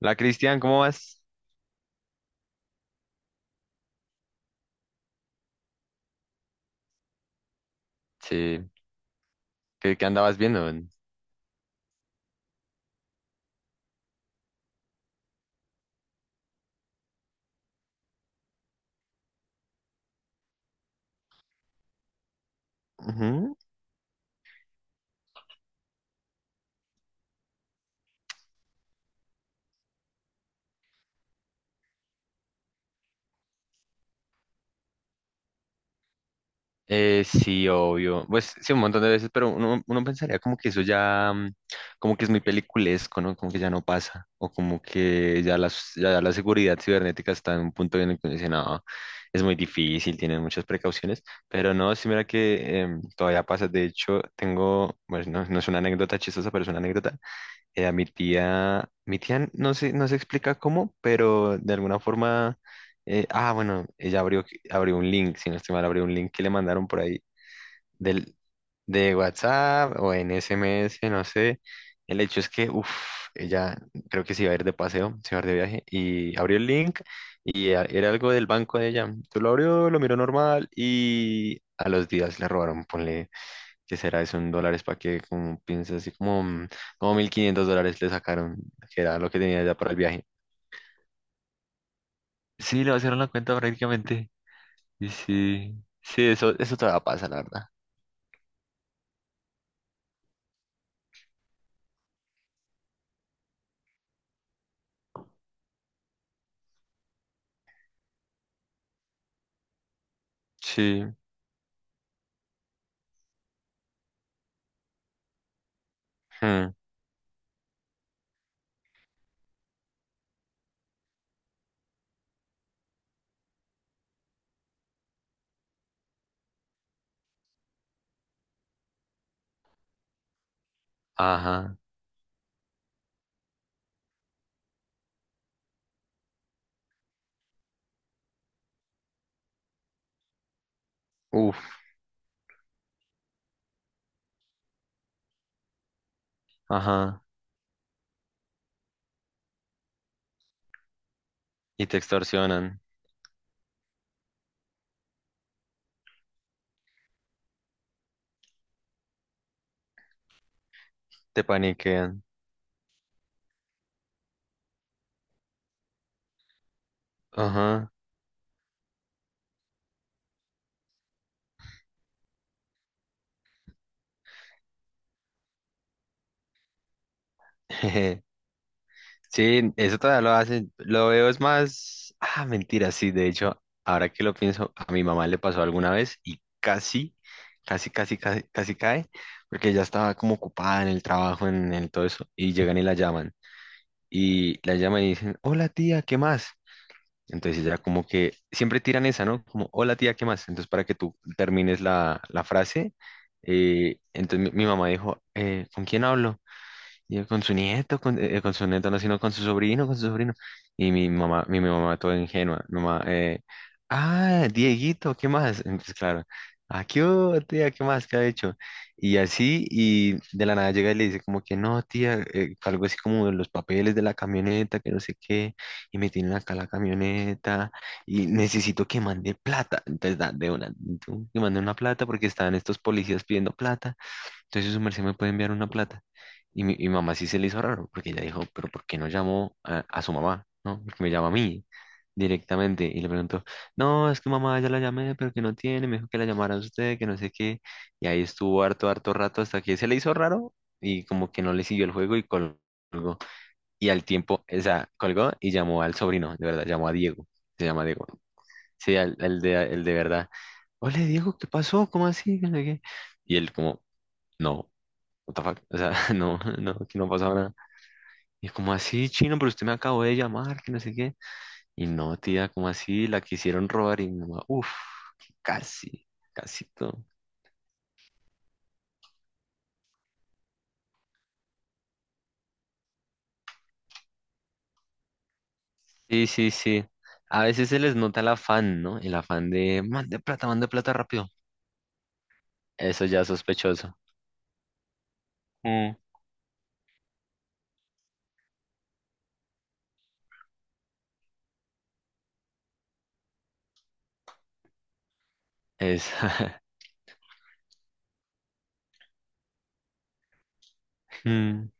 La Cristian, ¿cómo vas? Sí, ¿qué andabas viendo? Ujú. Sí, obvio. Pues sí, un montón de veces, pero uno pensaría como que eso ya, como que es muy peliculesco, ¿no? Como que ya no pasa, o como que ya la seguridad cibernética está en un punto en el que uno dice, no, es muy difícil, tienen muchas precauciones, pero no, sí, mira que todavía pasa. De hecho, tengo, bueno, no, no es una anécdota chistosa, pero es una anécdota. A mi tía no se explica cómo, pero de alguna forma, bueno, ella abrió un link, si no estoy mal, abrió un link que le mandaron por ahí del, de WhatsApp o en SMS, no sé. El hecho es que, uff, ella creo que se iba a ir de paseo, se iba a ir de viaje y abrió el link y era algo del banco de ella. Tú lo abrió, lo miró normal y a los días le robaron, ponle que será eso en dólares para que como piensa así como, como 1.500 dólares le sacaron, que era lo que tenía ya para el viaje. Sí, le vaciaron la cuenta prácticamente. Y sí, sí, eso todavía pasa, la verdad. Sí. Hmm. Ajá. Uff. Ajá. Y te extorsionan, te paniquean. Ajá. Sí, eso todavía lo hacen. Lo veo es más. Ah, mentira, sí. De hecho, ahora que lo pienso, a mi mamá le pasó alguna vez y casi, casi, casi, casi, casi cae, porque ya estaba como ocupada en el trabajo, en todo eso, y llegan y la llaman. Y la llaman y dicen, hola tía, ¿qué más? Entonces ella como que siempre tiran esa, ¿no? Como, hola tía, ¿qué más? Entonces para que tú termines la frase, entonces mi mamá dijo, ¿Con quién hablo? Y él con su nieto, con su nieto, no, sino con su sobrino, con su sobrino. Y mi mamá toda ingenua, nomás, Dieguito, ¿qué más? Entonces, claro, ¿ah qué hubo, tía? ¿Qué más? ¿Qué ha hecho? Y así, y de la nada llega y le dice como que no, tía, algo así como de los papeles de la camioneta, que no sé qué, y me tienen acá la camioneta, y necesito que mande plata. Entonces, de una, tú, que mande una plata porque estaban estos policías pidiendo plata. Entonces su merced me puede enviar una plata. Y mamá sí se le hizo raro, porque ella dijo, pero ¿por qué no llamó a su mamá? ¿No? Porque me llama a mí directamente y le preguntó, no, es que mamá ya la llamé, pero que no tiene, me dijo que la llamara a usted, que no sé qué. Y ahí estuvo harto, harto rato hasta que se le hizo raro y como que no le siguió el juego y colgó. Y al tiempo, o sea, colgó y llamó al sobrino, de verdad, llamó a Diego, se llama Diego. Sí, al de, el de verdad. Hola Diego, ¿qué pasó? ¿Cómo así? Que no sé qué". Y él como, no what the fuck, o sea, no, no, aquí no ha pasado nada. Y como así, chino, pero usted me acabó de llamar, que no sé qué. Y no, tía, como así, la quisieron robar y mi mamá, uff, casi, casi todo. Sí, sí, sí. A veces se les nota el afán, ¿no? El afán de, mande plata rápido. Eso ya es sospechoso. Mm. Es, Mm,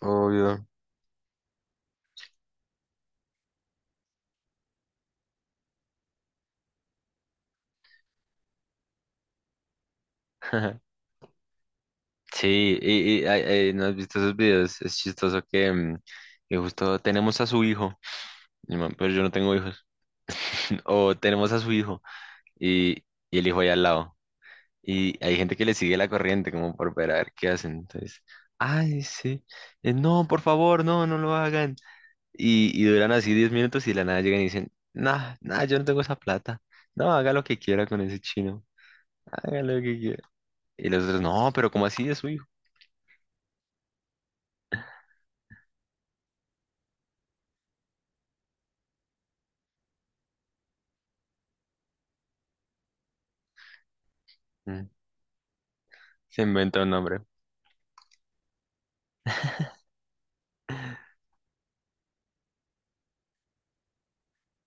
obvio. Sí, ay, ay, ¿no has visto esos videos? Es chistoso que justo tenemos a su hijo. Y, man, pero yo no tengo hijos. O tenemos a su hijo y, y el hijo ahí al lado. Y hay gente que le sigue la corriente como por ver a ver qué hacen. Entonces, ay, sí. No, por favor, no, no lo hagan. Y duran así 10 minutos y de la nada llegan y dicen, nah, nah, yo no tengo esa plata. No, haga lo que quiera con ese chino. Haga lo que quiera. Y los otros, no, pero ¿cómo así es su hijo? Mm. Se inventa un nombre.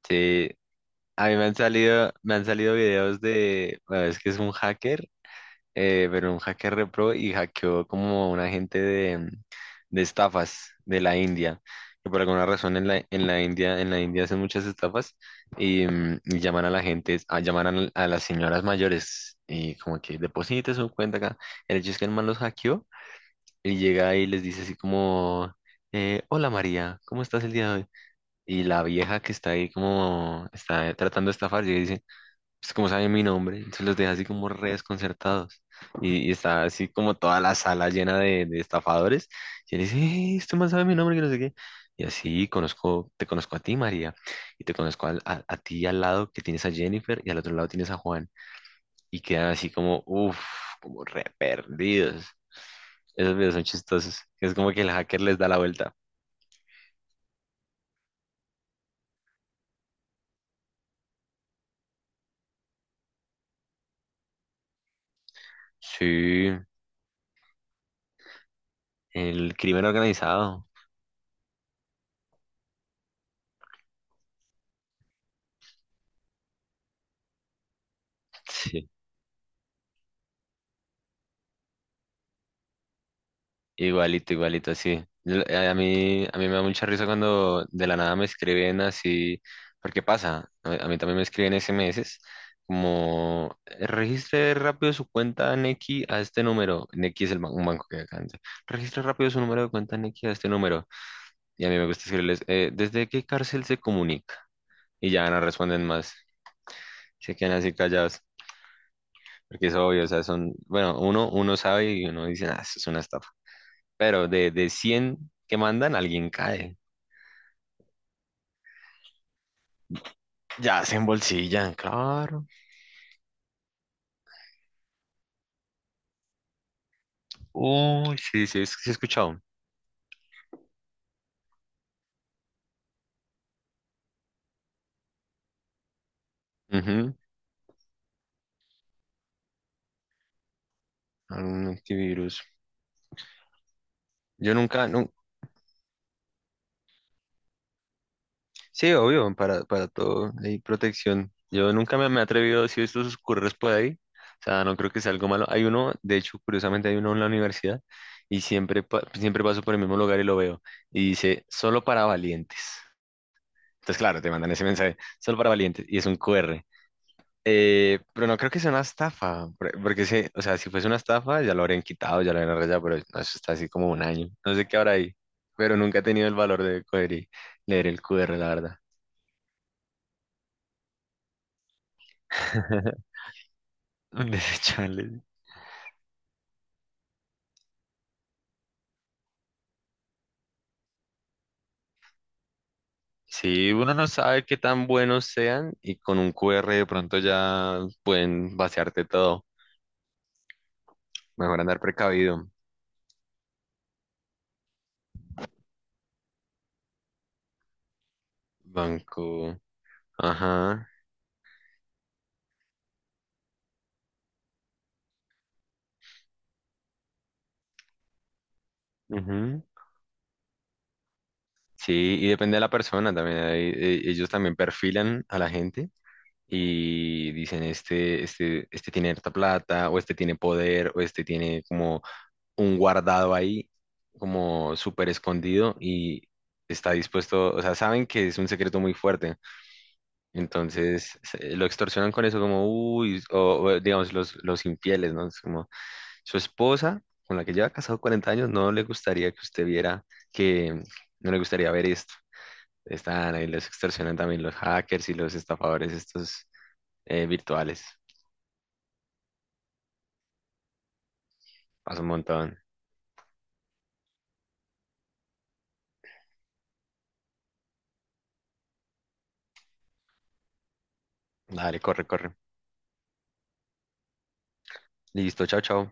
Sí. A mí me han salido videos de, bueno, es que es un hacker pero un hacker repro y hackeó como un agente de, estafas de la India, que por alguna razón en la India hacen muchas estafas y llaman a la gente, a, las señoras mayores y como que deposite su cuenta acá. El hecho es que el man los hackeó y llega y les dice así como, hola María, ¿cómo estás el día de hoy? Y la vieja que está ahí como, está tratando de estafar, llega y dice, pues como sabe mi nombre, se los deja así como re desconcertados. Y está así como toda la sala llena de estafadores. Y él dice, Este man sabe mi nombre, que no sé qué. Y así te conozco a ti, María, y te conozco a ti al lado que tienes a Jennifer y al otro lado tienes a Juan. Y quedan así como, uff, como re perdidos. Esos videos son chistosos. Es como que el hacker les da la vuelta. Sí, el crimen organizado. Igualito, igualito, así. A mí me da mucha risa cuando de la nada me escriben así, porque pasa, a mí también me escriben SMS, como registre rápido su cuenta Nequi a este número. Nequi es un banco que hay acá. Entonces, registre rápido su número de cuenta Nequi a este número. Y a mí me gusta escribirles, ¿Desde qué cárcel se comunica? Y ya no responden más, se quedan así callados, porque es obvio, o sea, son, bueno, uno sabe y uno dice, ah, eso es una estafa. Pero de 100 que mandan, alguien cae. Ya se embolsillan, claro. Uy, sí, sí, sí he escuchado. Ujú. Algún antivirus. Yo nunca, sí, obvio, para todo hay protección. Yo nunca me he atrevido a decir estos curros por ahí. O sea, no creo que sea algo malo. Hay uno, de hecho, curiosamente hay uno en la universidad y siempre paso por el mismo lugar y lo veo. Y dice, solo para valientes. Entonces, claro, te mandan ese mensaje, solo para valientes. Y es un QR. Pero no creo que sea una estafa, porque o sea, si fuese una estafa ya lo habrían quitado, ya lo habrían arreglado, pero no, eso está así como un año, no sé qué habrá ahí, pero nunca he tenido el valor de coger y leer el QR, la verdad. Desecharle. Sí, uno no sabe qué tan buenos sean y con un QR de pronto ya pueden vaciarte todo. Mejor andar precavido. Banco. Ajá. Ujú. Sí, y depende de la persona también. Ahí, ellos también perfilan a la gente y dicen este tiene harta plata, o este tiene poder, o este tiene como un guardado ahí, como súper escondido y está dispuesto, o sea, saben que es un secreto muy fuerte, entonces lo extorsionan con eso como, uy, digamos los infieles, ¿no? Es como su esposa, con la que lleva casado 40 años, no le gustaría que usted viera que, no le gustaría ver esto. Están ahí, los extorsionan también los hackers y los estafadores estos virtuales. Pasa un montón. Dale, corre, corre. Listo, chao, chao.